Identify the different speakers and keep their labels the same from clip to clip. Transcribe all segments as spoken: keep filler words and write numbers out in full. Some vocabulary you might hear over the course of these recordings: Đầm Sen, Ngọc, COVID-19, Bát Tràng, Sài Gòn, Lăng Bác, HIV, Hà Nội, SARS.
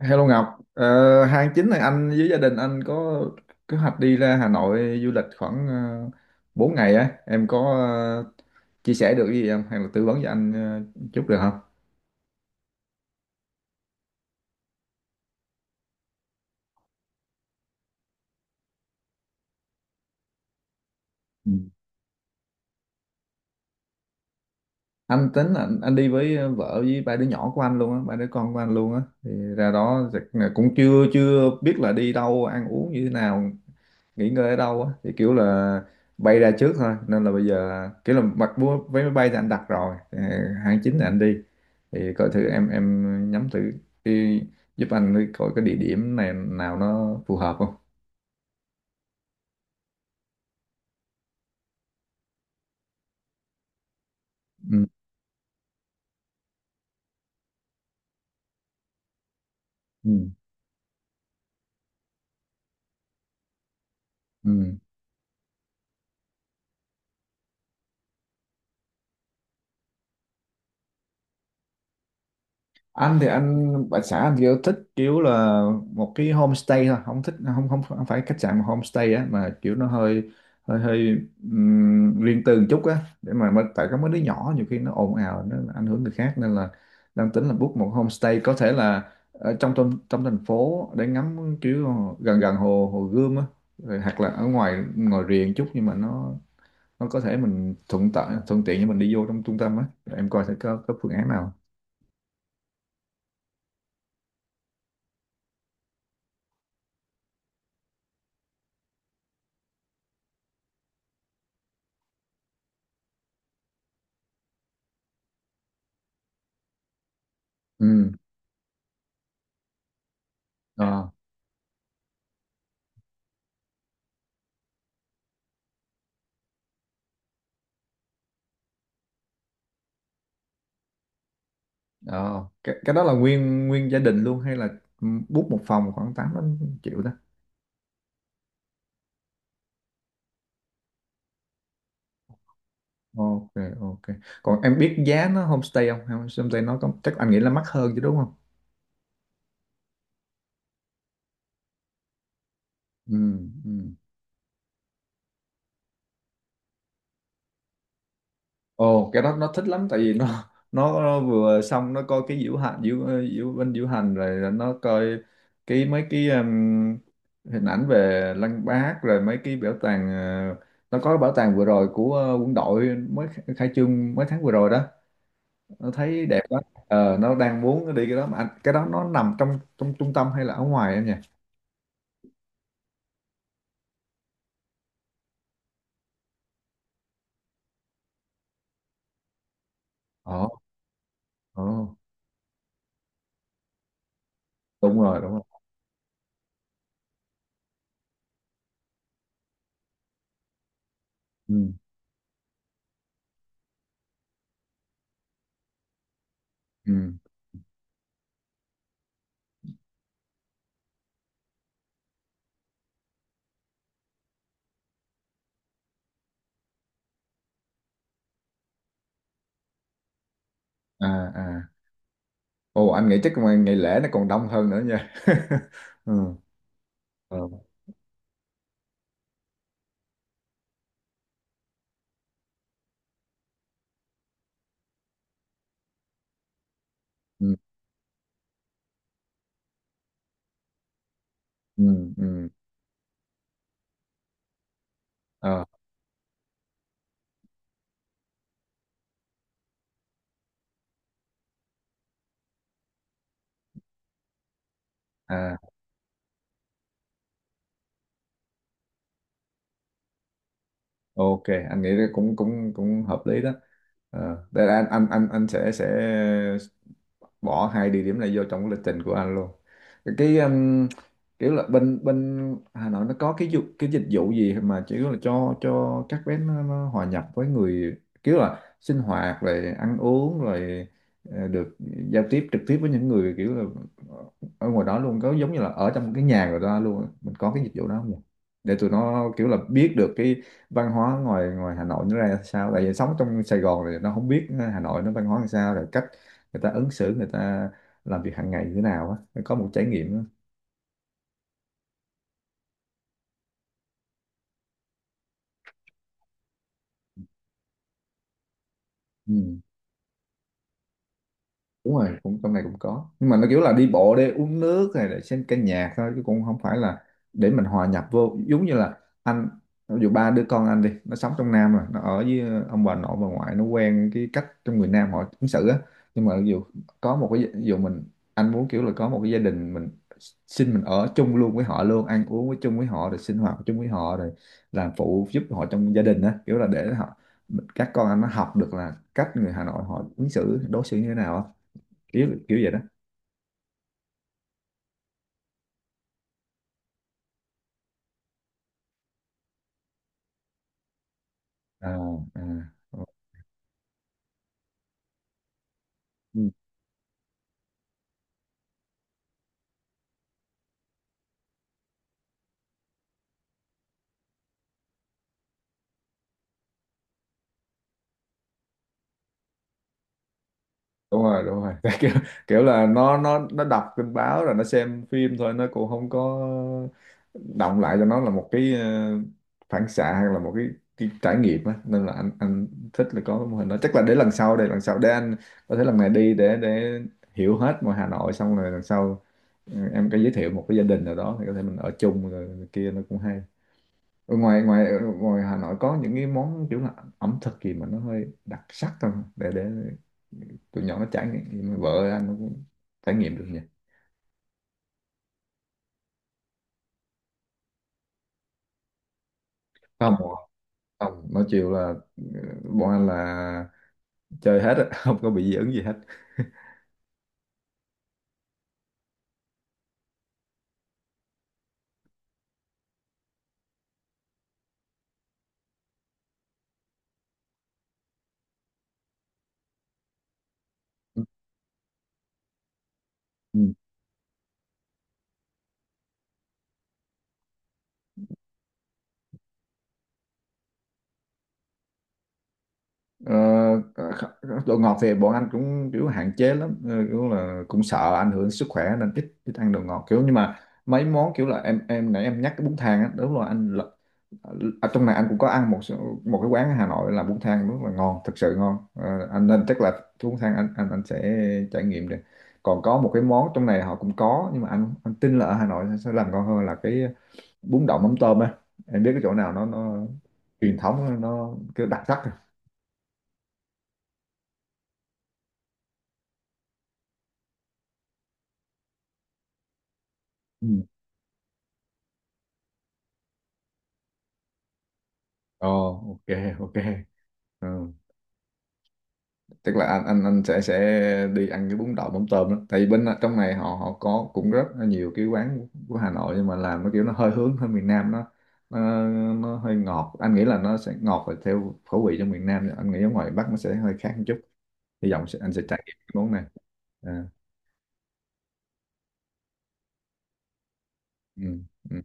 Speaker 1: Hello Ngọc, ờ, hai tháng chín này anh với gia đình anh có kế hoạch đi ra Hà Nội du lịch khoảng uh, bốn ngày á, em có ờ, chia sẻ được gì không hay là tư vấn cho anh ờ, chút được không? Ừ. Anh tính là anh, anh đi với vợ với ba đứa nhỏ của anh luôn á, ba đứa con của anh luôn á, thì ra đó chắc là cũng chưa chưa biết là đi đâu ăn uống như thế nào, nghỉ ngơi ở đâu á thì kiểu là bay ra trước thôi, nên là bây giờ kiểu là mặc mua vé máy bay thì anh đặt rồi. Ờ, Tháng chín là anh đi, thì coi thử em em nhắm thử đi, giúp anh coi cái địa điểm này nào nó phù hợp không. Ừ, ừ, ừ. Anh thì anh bà xã anh kiểu thích kiểu là một cái homestay thôi, không thích, không không không phải khách sạn mà homestay á, mà kiểu nó hơi hơi hơi ừm, riêng tư một chút á để mà, mà tại có mấy đứa nhỏ nhiều khi nó ồn ào nó ảnh hưởng người khác, nên là đang tính là book một homestay, có thể là ở trong trong trong thành phố để ngắm kiểu gần, gần hồ, hồ Gươm á, rồi hoặc là ở ngoài ngoài riêng chút nhưng mà nó nó có thể mình thuận tiện, thuận tiện cho mình đi vô trong trung tâm á. Em coi thử có có phương án nào. Ừ. Ờ, cái, cái đó là nguyên nguyên gia đình luôn hay là, ừ, book một phòng khoảng tám đến triệu đó? Ok, ok. Còn em biết giá nó homestay không? Hay Homestay nó có, chắc anh nghĩ là mắc hơn chứ đúng không? Ừ, ừ. Ồ cái đó nó thích lắm tại vì nó nó vừa xong nó coi cái diễu hành, diễu ờ, diễu bên diễu hành, rồi nó coi cái mấy cái um, hình ảnh về Lăng Bác, rồi mấy cái bảo tàng, ờ, nó có bảo tàng vừa rồi của, ờ, quân đội mới khai trương mấy tháng vừa rồi đó, nó thấy đẹp quá. Ờ, nó đang muốn đi cái đó mà anh, cái đó nó nằm trong trong trung tâm hay là ở ngoài em nhỉ? Ờ, ờ, đúng rồi, đúng rồi. Ừ, ừ. À, à. Ồ anh nghĩ chắc mà ngày lễ nó còn đông hơn nữa nha. Ừ, ờ, ừ, ừ, ừ, ờ, à. Ok, anh nghĩ là cũng cũng cũng hợp lý đó. Ờ đây là anh anh anh anh sẽ sẽ bỏ hai địa điểm này vô trong cái lịch trình của anh luôn. Cái um, kiểu là bên bên Hà Nội nó có cái du, cái dịch vụ gì mà chỉ là cho cho các bé nó, nó hòa nhập với người, kiểu là sinh hoạt rồi ăn uống rồi ờ, được giao tiếp trực tiếp với những người kiểu là ở ngoài đó luôn, có giống như là ở trong cái nhà người ta luôn á. Mình có cái dịch vụ đó không nhỉ? Để tụi nó kiểu là biết được cái văn hóa ngoài ngoài Hà Nội nó ra sao, tại vì sống trong Sài Gòn thì nó không biết Hà Nội nó văn hóa làm sao, rồi cách người ta ứng xử, người ta làm việc hàng ngày như thế nào á, có một trải nghiệm á. Ừ. Đúng rồi, cũng trong này cũng có nhưng mà nó kiểu là đi bộ để uống nước hay để xem ca nhạc thôi, chứ cũng không phải là để mình hòa nhập vô, giống như là anh ví dụ ba đứa con anh đi, nó sống trong Nam rồi nó ở với ông bà nội bà ngoại, nó quen cái cách trong người Nam họ ứng xử á, nhưng mà ví dụ có một cái ví dụ mình, anh muốn kiểu là có một cái gia đình mình, xin mình ở chung luôn với họ luôn, ăn uống với chung với họ, rồi sinh hoạt chung với họ, rồi làm phụ giúp họ trong gia đình á, kiểu là để họ, các con anh nó học được là cách người Hà Nội họ ứng xử, đối xử như thế nào á, kiểu kiểu vậy đó. À, à. ờ, Ừ. Đúng rồi, đúng rồi. Kiểu kiểu là nó, nó nó đọc tin báo rồi nó xem phim thôi, nó cũng không có động lại cho nó là một cái ờ, phản xạ, hay là một cái, cái trải nghiệm á, nên là anh anh thích là có cái mô hình đó, chắc là để lần sau, đây lần sau để anh có thể lần này đi để để hiểu hết mọi Hà Nội, xong rồi lần sau, ừ, em có giới thiệu một cái gia đình nào đó thì có thể mình ở chung rồi này kia, nó cũng hay. Ở ngoài ngoài ở ngoài Hà Nội có những cái món kiểu là ẩm thực gì mà nó hơi đặc sắc không, để để tụi nhỏ nó trải nghiệm, vợ anh nó cũng trải nghiệm được nhỉ? Không, không, nó chiều là, ờ, bọn anh là chơi hết á, không có bị dị ứng gì hết. Ừ. Ờ, kh- đồ ngọt thì bọn anh cũng kiểu hạn chế lắm, ờ, kiểu là cũng sợ ảnh hưởng sức khỏe nên ít ít ăn đồ ngọt kiểu, nhưng mà mấy món kiểu là em em nãy em nhắc cái bún thang á, đúng rồi anh, ở trong này anh cũng có ăn một số- một cái quán ở Hà Nội là bún thang rất là ngon, thực sự ngon. Ờ, anh nên chắc là cái bún thang anh anh anh sẽ trải nghiệm được. Còn có một cái món trong này họ cũng có, nhưng mà anh anh tin là ở Hà Nội sẽ làm ngon hơn, là cái bún đậu mắm tôm á, em biết cái chỗ nào nó, nó truyền thống, nó, nó kiểu đặc sắc rồi. Ừ. Ồ, ok, ok. Ừ. Tức là anh anh anh sẽ sẽ đi ăn cái bún đậu mắm tôm đó, tại vì bên trong này họ, họ có cũng rất là nhiều cái quán của Hà Nội, nhưng mà làm nó kiểu nó hơi hướng hơi miền Nam, nó nó, nó hơi ngọt, anh nghĩ là nó sẽ ngọt và theo khẩu vị trong miền Nam, anh nghĩ ở ngoài Bắc nó sẽ hơi khác một chút, hy vọng sẽ, anh sẽ trải nghiệm cái món này. À, ừ, ừ.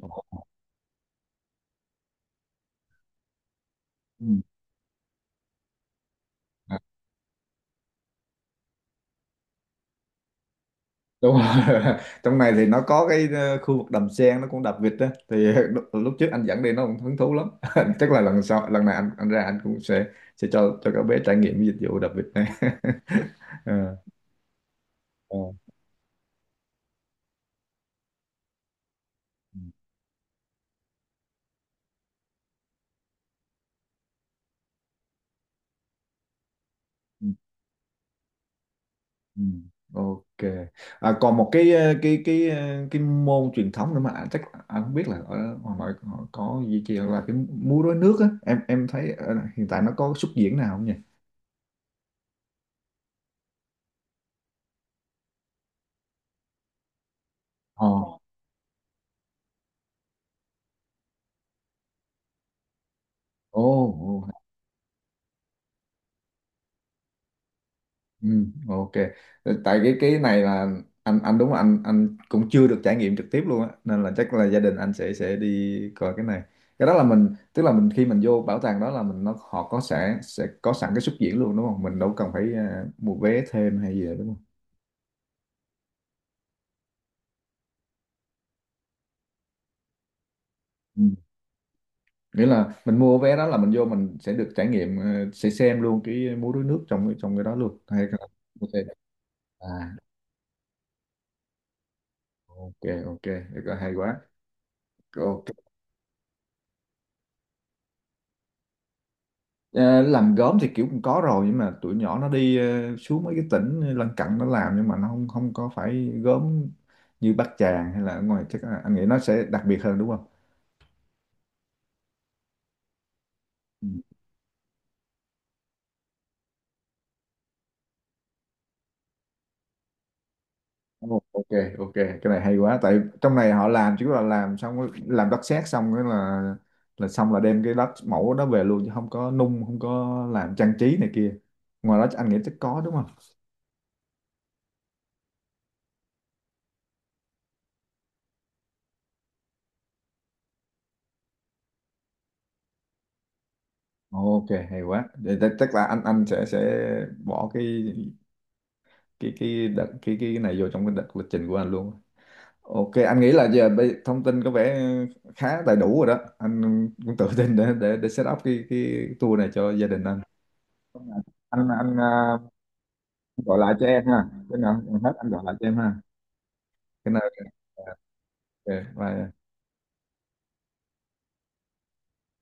Speaker 1: Ồ. Ừ. Đúng rồi. Trong này thì nó có cái ờ, khu vực đầm sen nó cũng đập vịt á, thì lúc, lúc trước anh dẫn đi nó cũng hứng thú lắm. Chắc là lần sau, lần này anh anh ra anh cũng sẽ sẽ cho cho các bé trải nghiệm cái dịch vụ đập vịt này. Ờ, ờ. Ừ, ừ, ừ. Ok. À, còn một cái ờ, cái cái ờ, cái môn truyền thống nữa mà anh- chắc anh không biết là ở Hà Nội họ có duy trì là cái múa rối nước á, em em thấy ờ, hiện tại nó có xuất diễn nào không nhỉ? Ờ. Ồ, ồ. Ừ, ok. Ờ, tại cái cái này là anh anh đúng là anh anh cũng chưa được trải nghiệm trực tiếp luôn á, nên là chắc là gia đình anh sẽ sẽ đi coi cái này. Cái đó là mình, tức là mình khi mình vô bảo tàng đó là mình, nó họ có sẽ sẽ có sẵn cái xuất diễn luôn đúng không? Mình đâu cần phải à, mua vé thêm hay gì nữa đúng không? Ừ. Nghĩa là mình mua vé đó là mình vô mình sẽ được trải nghiệm, ờ, sẽ xem luôn cái múa rối nước trong trong cái đó luôn hay là- ok. À, ok, ok. Được rồi, hay quá. Ok. Ờ, làm gốm thì kiểu cũng có rồi, nhưng mà tụi nhỏ nó đi ờ, xuống mấy cái tỉnh lân cận nó làm, nhưng mà nó không không có phải gốm như Bát Tràng, hay là ở ngoài chắc là, anh nghĩ nó sẽ đặc biệt hơn đúng không? Ừ. Ồ, ok, ok, cái này hay quá, tại trong này họ làm chỉ là làm xong rồi- làm đất sét xong cái là là xong là đem cái đất mẫu đó về luôn, chứ không có nung, không có làm trang trí này kia. Ngoài đó anh nghĩ chắc có đúng không? Ok hay quá. Vậy chắc chắc là anh anh sẽ sẽ bỏ cái cái cái đợt, cái cái này vô trong cái đợt lịch trình của anh luôn. Ok anh nghĩ là giờ bây- thông tin có vẻ khá đầy đủ rồi đó, anh cũng tự tin để để để set up cái cái tour này cho gia đình anh. Anh anh ờ, gọi lại cho em ha, cái nào hết anh gọi lại cho em ha. Cái nào. Ok bye.